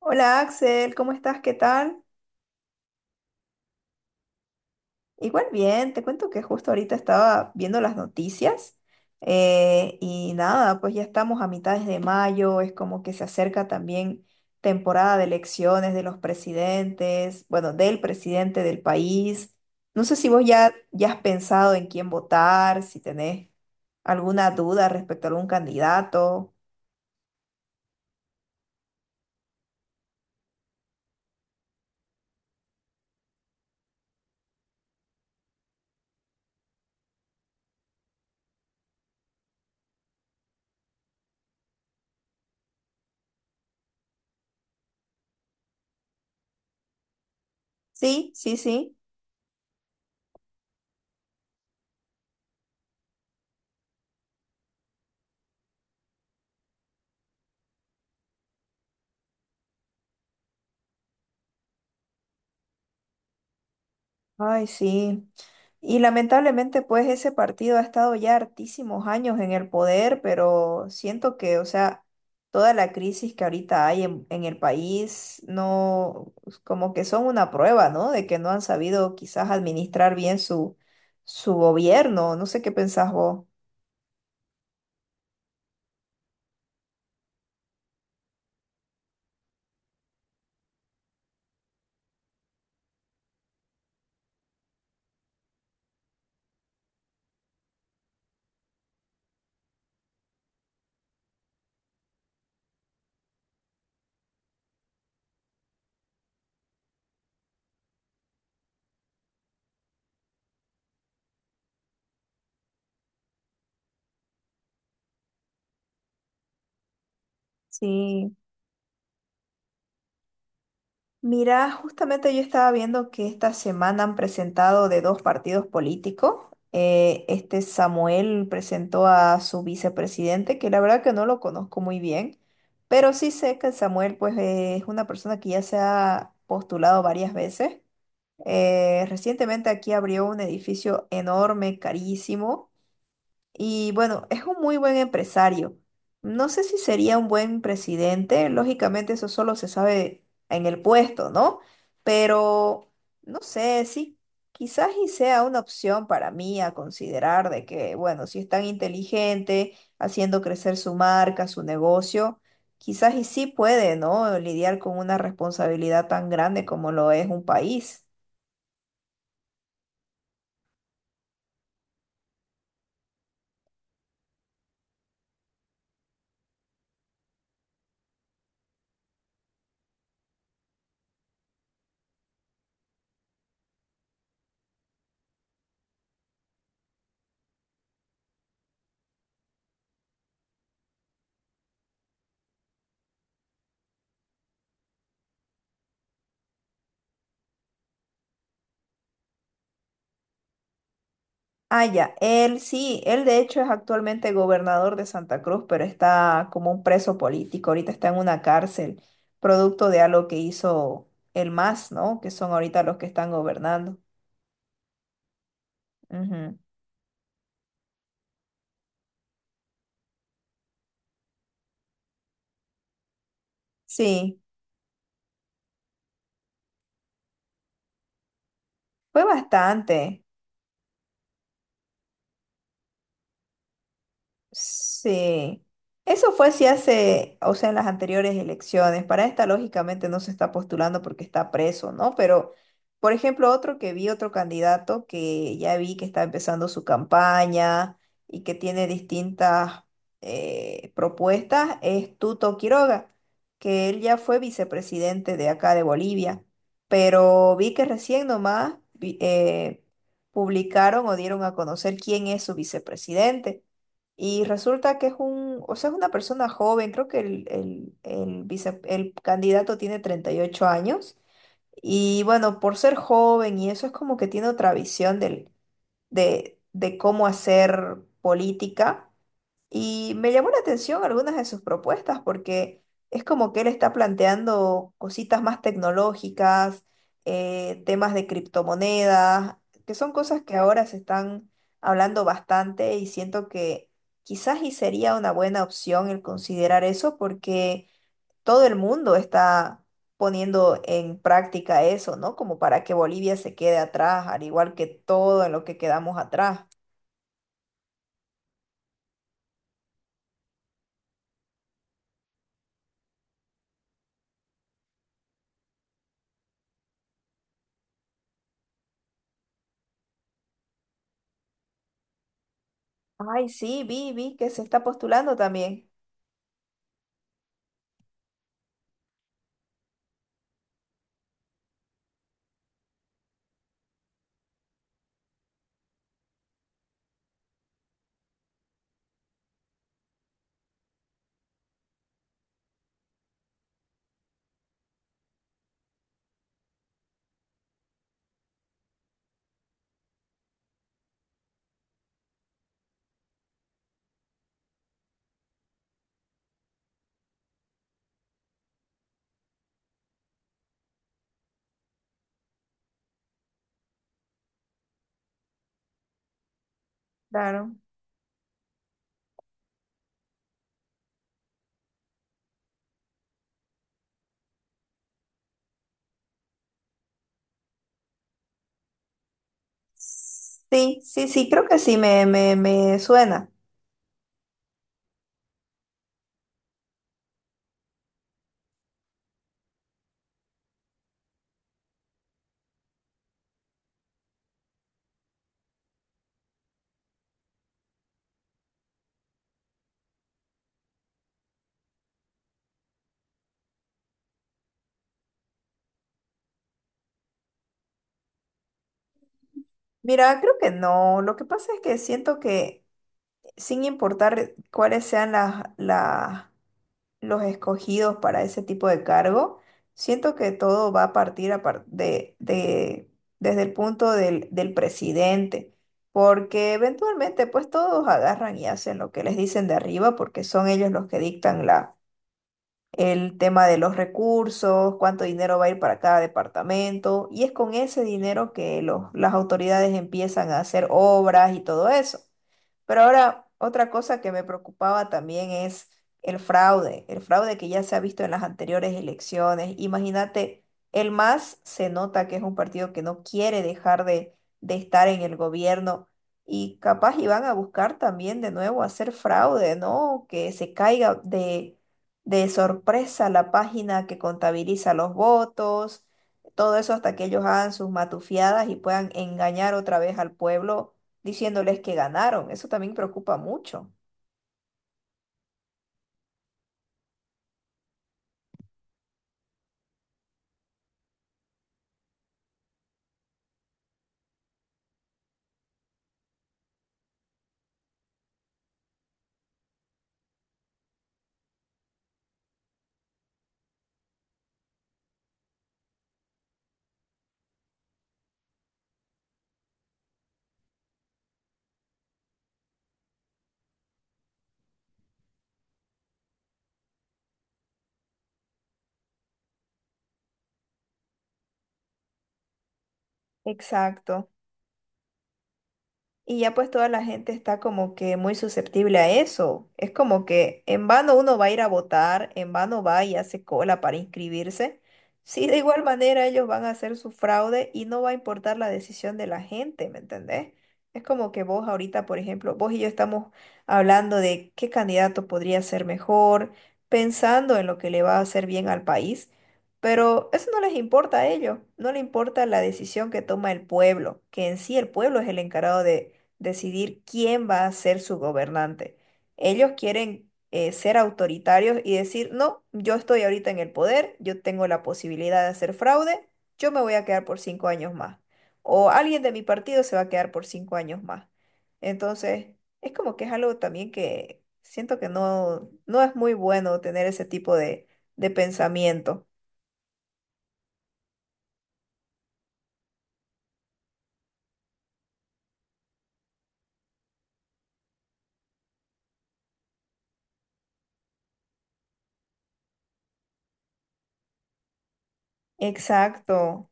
Hola Axel, ¿cómo estás? ¿Qué tal? Igual bien, te cuento que justo ahorita estaba viendo las noticias y nada, pues ya estamos a mitades de mayo, es como que se acerca también temporada de elecciones de los presidentes, bueno, del presidente del país. No sé si vos ya has pensado en quién votar, si tenés alguna duda respecto a algún candidato. Sí, sí, sí. Ay, sí. Y lamentablemente, pues ese partido ha estado ya hartísimos años en el poder, pero siento que, o sea, toda la crisis que ahorita hay en el país, no, pues, como que son una prueba, ¿no? De que no han sabido quizás administrar bien su gobierno. No sé qué pensás vos. Sí. Mira, justamente yo estaba viendo que esta semana han presentado de dos partidos políticos. Este Samuel presentó a su vicepresidente, que la verdad que no lo conozco muy bien, pero sí sé que Samuel pues es una persona que ya se ha postulado varias veces. Recientemente aquí abrió un edificio enorme, carísimo, y bueno, es un muy buen empresario. No sé si sería un buen presidente, lógicamente eso solo se sabe en el puesto, ¿no? Pero no sé, sí, quizás y sea una opción para mí a considerar de que, bueno, si es tan inteligente, haciendo crecer su marca, su negocio, quizás y sí puede, ¿no? Lidiar con una responsabilidad tan grande como lo es un país. Ah, ya, él sí, él de hecho es actualmente gobernador de Santa Cruz, pero está como un preso político, ahorita está en una cárcel, producto de algo que hizo el MAS, ¿no? Que son ahorita los que están gobernando. Ujú. Sí, fue bastante. Sí, eso fue si hace, o sea, en las anteriores elecciones. Para esta, lógicamente, no se está postulando porque está preso, ¿no? Pero, por ejemplo, otro que vi, otro candidato que ya vi que está empezando su campaña y que tiene distintas propuestas es Tuto Quiroga, que él ya fue vicepresidente de acá de Bolivia, pero vi que recién nomás publicaron o dieron a conocer quién es su vicepresidente. Y resulta que es un, o sea, es una persona joven, creo que el el candidato tiene 38 años. Y bueno, por ser joven y eso es como que tiene otra visión de cómo hacer política. Y me llamó la atención algunas de sus propuestas porque es como que él está planteando cositas más tecnológicas, temas de criptomonedas, que son cosas que ahora se están hablando bastante y siento que quizás y sería una buena opción el considerar eso porque todo el mundo está poniendo en práctica eso, ¿no? Como para que Bolivia se quede atrás, al igual que todo en lo que quedamos atrás. Ay, sí, vi que se está postulando también. Claro. Sí, sí, sí, creo que sí, me suena. Mira, creo que no. Lo que pasa es que siento que sin importar cuáles sean los escogidos para ese tipo de cargo, siento que todo va a partir a par- de- desde el punto del presidente, porque eventualmente pues todos agarran y hacen lo que les dicen de arriba porque son ellos los que dictan el tema de los recursos, cuánto dinero va a ir para cada departamento, y es con ese dinero que las autoridades empiezan a hacer obras y todo eso. Pero ahora, otra cosa que me preocupaba también es el fraude que ya se ha visto en las anteriores elecciones. Imagínate, el MAS se nota que es un partido que no quiere de estar en el gobierno y capaz iban a buscar también de nuevo hacer fraude, ¿no? Que se caiga de sorpresa la página que contabiliza los votos, todo eso hasta que ellos hagan sus matufiadas y puedan engañar otra vez al pueblo diciéndoles que ganaron. Eso también preocupa mucho. Exacto. Y ya pues toda la gente está como que muy susceptible a eso. Es como que en vano uno va a ir a votar, en vano va y hace cola para inscribirse. Si de igual manera ellos van a hacer su fraude y no va a importar la decisión de la gente, ¿me entendés? Es como que vos ahorita, por ejemplo, vos y yo estamos hablando de qué candidato podría ser mejor, pensando en lo que le va a hacer bien al país, pero eso no les importa a ellos, no les importa la decisión que toma el pueblo, que en sí el pueblo es el encargado de decidir quién va a ser su gobernante. Ellos quieren ser autoritarios y decir, no, yo estoy ahorita en el poder, yo tengo la posibilidad de hacer fraude, yo me voy a quedar por 5 años más. O alguien de mi partido se va a quedar por cinco años más. Entonces, es como que es algo también que siento que no, no es muy bueno tener ese tipo de pensamiento. Exacto,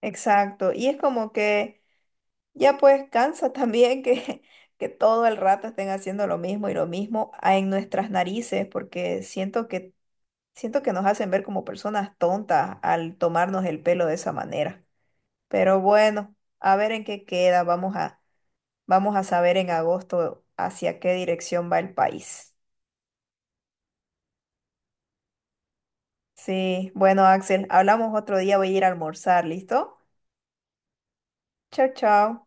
exacto. Y es como que... Ya pues cansa también que todo el rato estén haciendo lo mismo y lo mismo en nuestras narices, porque siento que nos hacen ver como personas tontas al tomarnos el pelo de esa manera. Pero bueno, a ver en qué queda. Vamos a saber en agosto hacia qué dirección va el país. Sí, bueno, Axel, hablamos otro día, voy a ir a almorzar, ¿listo? Chao, chao.